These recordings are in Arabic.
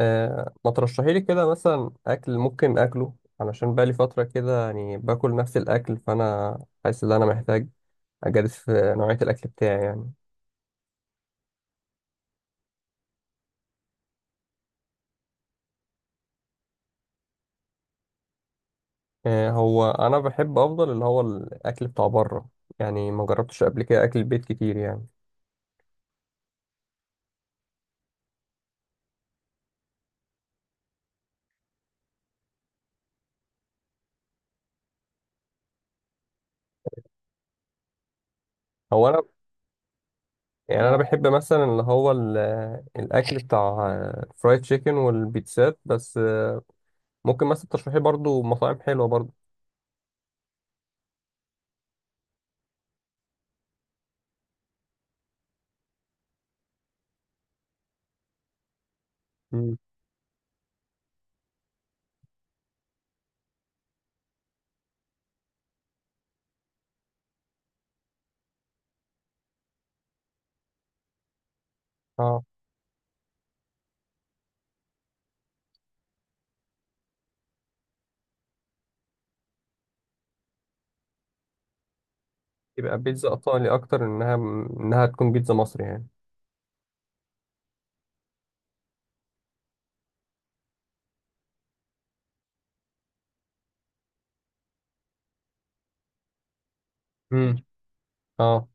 ما ترشحي لي كده مثلا اكل ممكن اكله، علشان بقالي فتره كده يعني باكل نفس الاكل، فانا حاسس ان انا محتاج اجدد في نوعيه الاكل بتاعي يعني. هو انا بحب افضل اللي هو الاكل بتاع بره، يعني ما جربتش قبل كده اكل البيت كتير يعني. هو انا يعني، انا بحب مثلا اللي هو الاكل بتاع الفرايد تشيكن والبيتزات، بس ممكن مثلا ترشحي برضو مطاعم حلوه برضو. مم. اه، يبقى بيتزا ايطالي اكتر انها تكون بيتزا مصري يعني. اه،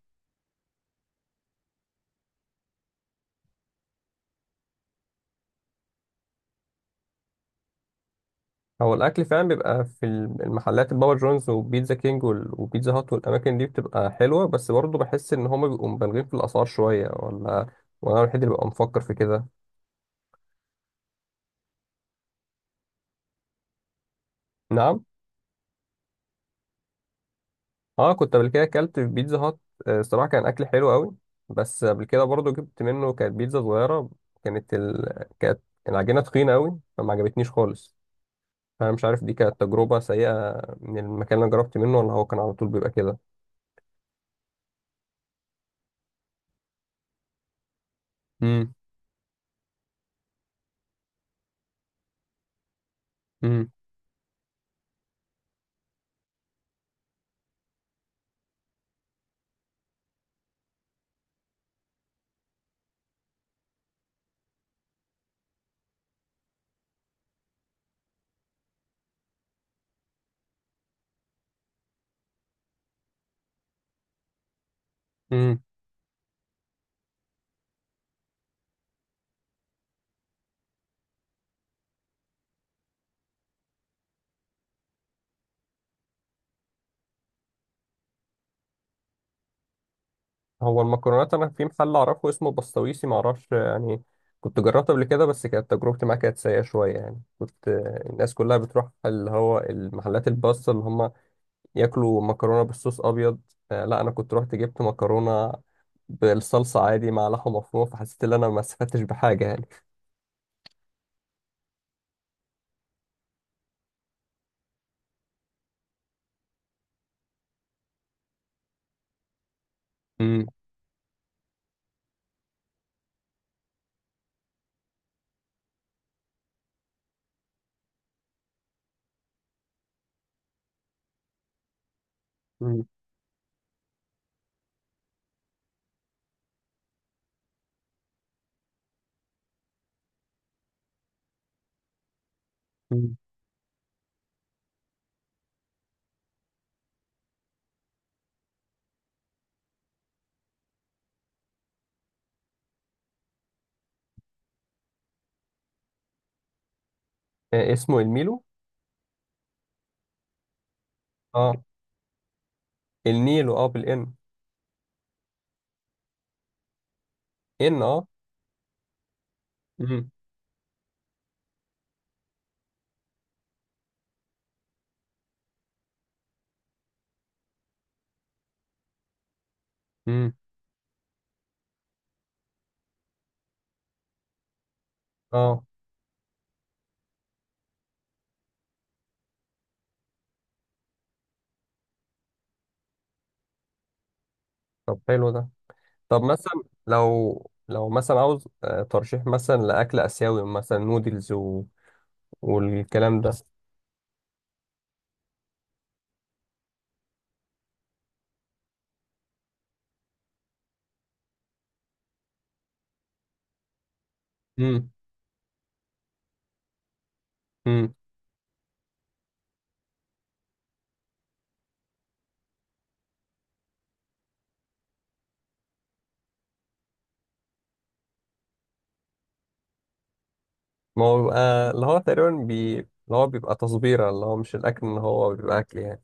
هو الاكل فعلا بيبقى في المحلات البابا جونز وبيتزا كينج وبيتزا هات والاماكن دي بتبقى حلوه، بس برضه بحس ان هما بيبقوا مبالغين في الاسعار شويه، ولا وانا الوحيد اللي ببقى مفكر في كده؟ نعم. اه كنت قبل كده اكلت في بيتزا هات. الصراحه كان اكل حلو قوي، بس قبل كده برضه جبت منه كانت بيتزا صغيره، كانت العجينه تخينه قوي فما عجبتنيش خالص. فانا مش عارف دي كانت تجربه سيئه من المكان اللي أنا جربت منه، ولا هو كان على طول بيبقى كده. امم. هو المكرونات، انا في محل اعرفه اسمه بسطويسي، معرفش يعني. كنت جربته قبل كده بس كانت تجربتي معاه كانت سيئة شوية، يعني كنت الناس كلها بتروح اللي هو المحلات الباستا اللي هم ياكلوا مكرونة بالصوص ابيض. لا انا كنت رحت جبت مكرونة بالصلصة عادي مع لحمة مفرومة، فحسيت ان انا ما استفدتش بحاجة يعني. امم. مم. مم. اسمه الميلو. اه النيلو. اه بالان. ان اه. مم. مم. اه، طب حلو ده. طب مثلا لو مثلا عاوز ترشيح مثلا لأكل آسيوي، مثلا نودلز والكلام ده. امم. امم. ما هو بيبقى اللي هو تقريبا اللي هو بيبقى تصبيرة، اللي هو مش الأكل إن هو بيبقى أكل يعني.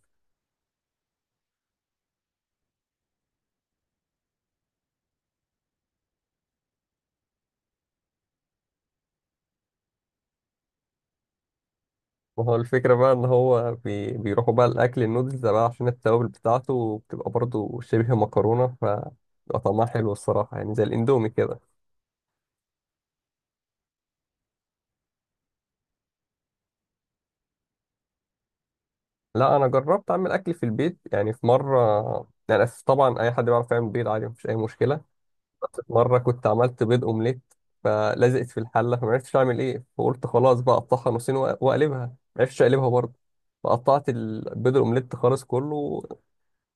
وهو الفكرة بقى إن هو بيروحوا بقى الأكل النودلز ده بقى عشان التوابل بتاعته بتبقى برضه شبه مكرونة، فبيبقى طعمها حلو الصراحة يعني زي الإندومي كده. لا، أنا جربت أعمل أكل في البيت يعني في مرة. يعني طبعا أي حد بيعرف يعمل بيض عادي مفيش أي مشكلة. مرة كنت عملت بيض أومليت فلزقت في الحلة، فما عرفتش أعمل إيه، فقلت خلاص بقى أقطعها نصين وأقلبها. ما عرفتش أقلبها برضه. فقطعت البيض الأومليت خالص كله،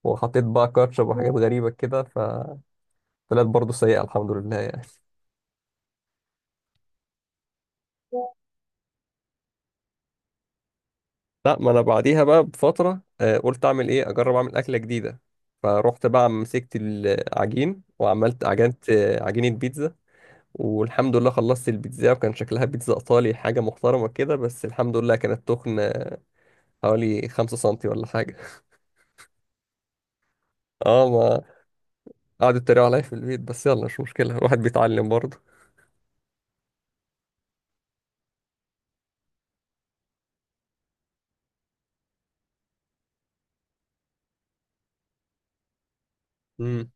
وحطيت بقى كاتشب وحاجات غريبة كده، فطلعت برضه سيئة الحمد لله يعني. لا، ما أنا بعديها بقى بفترة قلت أعمل إيه، أجرب أعمل أكلة جديدة. فروحت بقى مسكت العجين وعملت عجنت عجينة بيتزا. والحمد لله خلصت البيتزا وكان شكلها بيتزا ايطالي حاجه محترمه كده، بس الحمد لله كانت تخن حوالي 5 سنتي ولا حاجة. اه، ما قعدوا يتريقوا عليا في البيت، بس يلا مش مشكلة الواحد بيتعلم برضه. امم.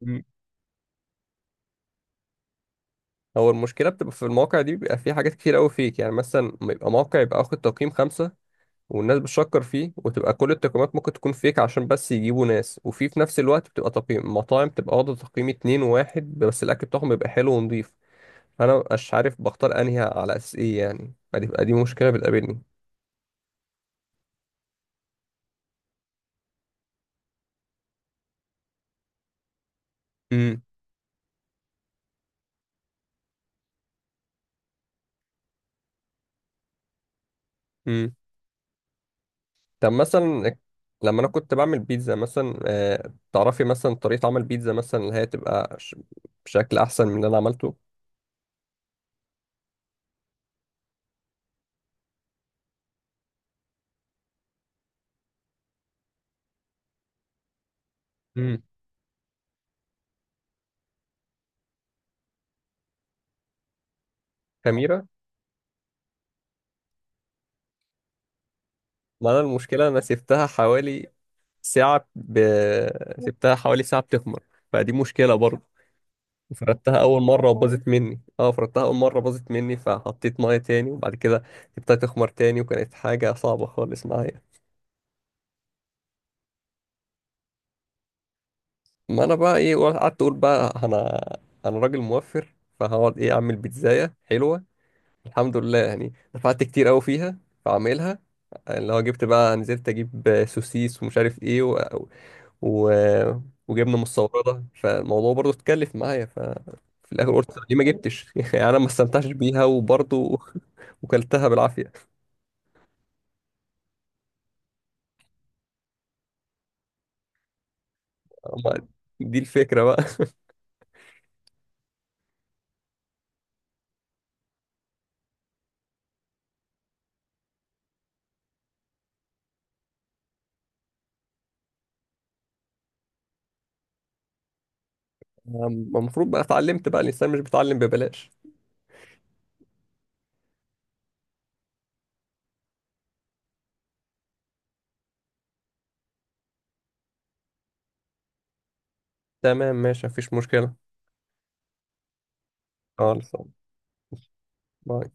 مم. هو المشكلة بتبقى في المواقع دي، بيبقى فيه حاجات كتير قوي فيك، يعني مثلا ما يبقى موقع يبقى واخد تقييم 5 والناس بتشكر فيه وتبقى كل التقييمات ممكن تكون فيك عشان بس يجيبوا ناس، وفي نفس الوقت بتبقى تقييم مطاعم تبقى واخدة تقييم 2 وواحد بس الأكل بتاعهم بيبقى حلو ونضيف. أنا مبقاش عارف بختار أنهي على أساس إيه يعني، فدي بقى دي مشكلة بتقابلني. امم. طب مثلا لما انا كنت بعمل بيتزا مثلا، تعرفي مثلا طريقة عمل بيتزا مثلا اللي هي تبقى بشكل احسن من اللي انا عملته؟ امم. خميرة. ما انا المشكلة انا سبتها حوالي ساعة ب... سبتها حوالي ساعة بتخمر، فدي مشكلة برضه. فردتها اول مرة وباظت مني، اه فردتها اول مرة باظت مني فحطيت مية تاني، وبعد كده سبتها تخمر تاني وكانت حاجة صعبة خالص معايا. ما انا بقى ايه قعدت اقول بقى انا راجل موفر، فهقعد ايه اعمل بيتزاية حلوة. الحمد لله يعني دفعت كتير قوي فيها، في عمايلها، اللي هو جبت بقى نزلت اجيب سوسيس ومش عارف ايه و... وجبنه مستورده، فالموضوع برضه اتكلف معايا. في الاخر قلت طب ليه ما جبتش، يعني انا ما استمتعتش بيها وبرضه وكلتها بالعافيه. أما دي الفكره بقى. المفروض بقى اتعلمت، بقى الانسان مش بيتعلم ببلاش. تمام ماشي مفيش مشكله. خالص. باي.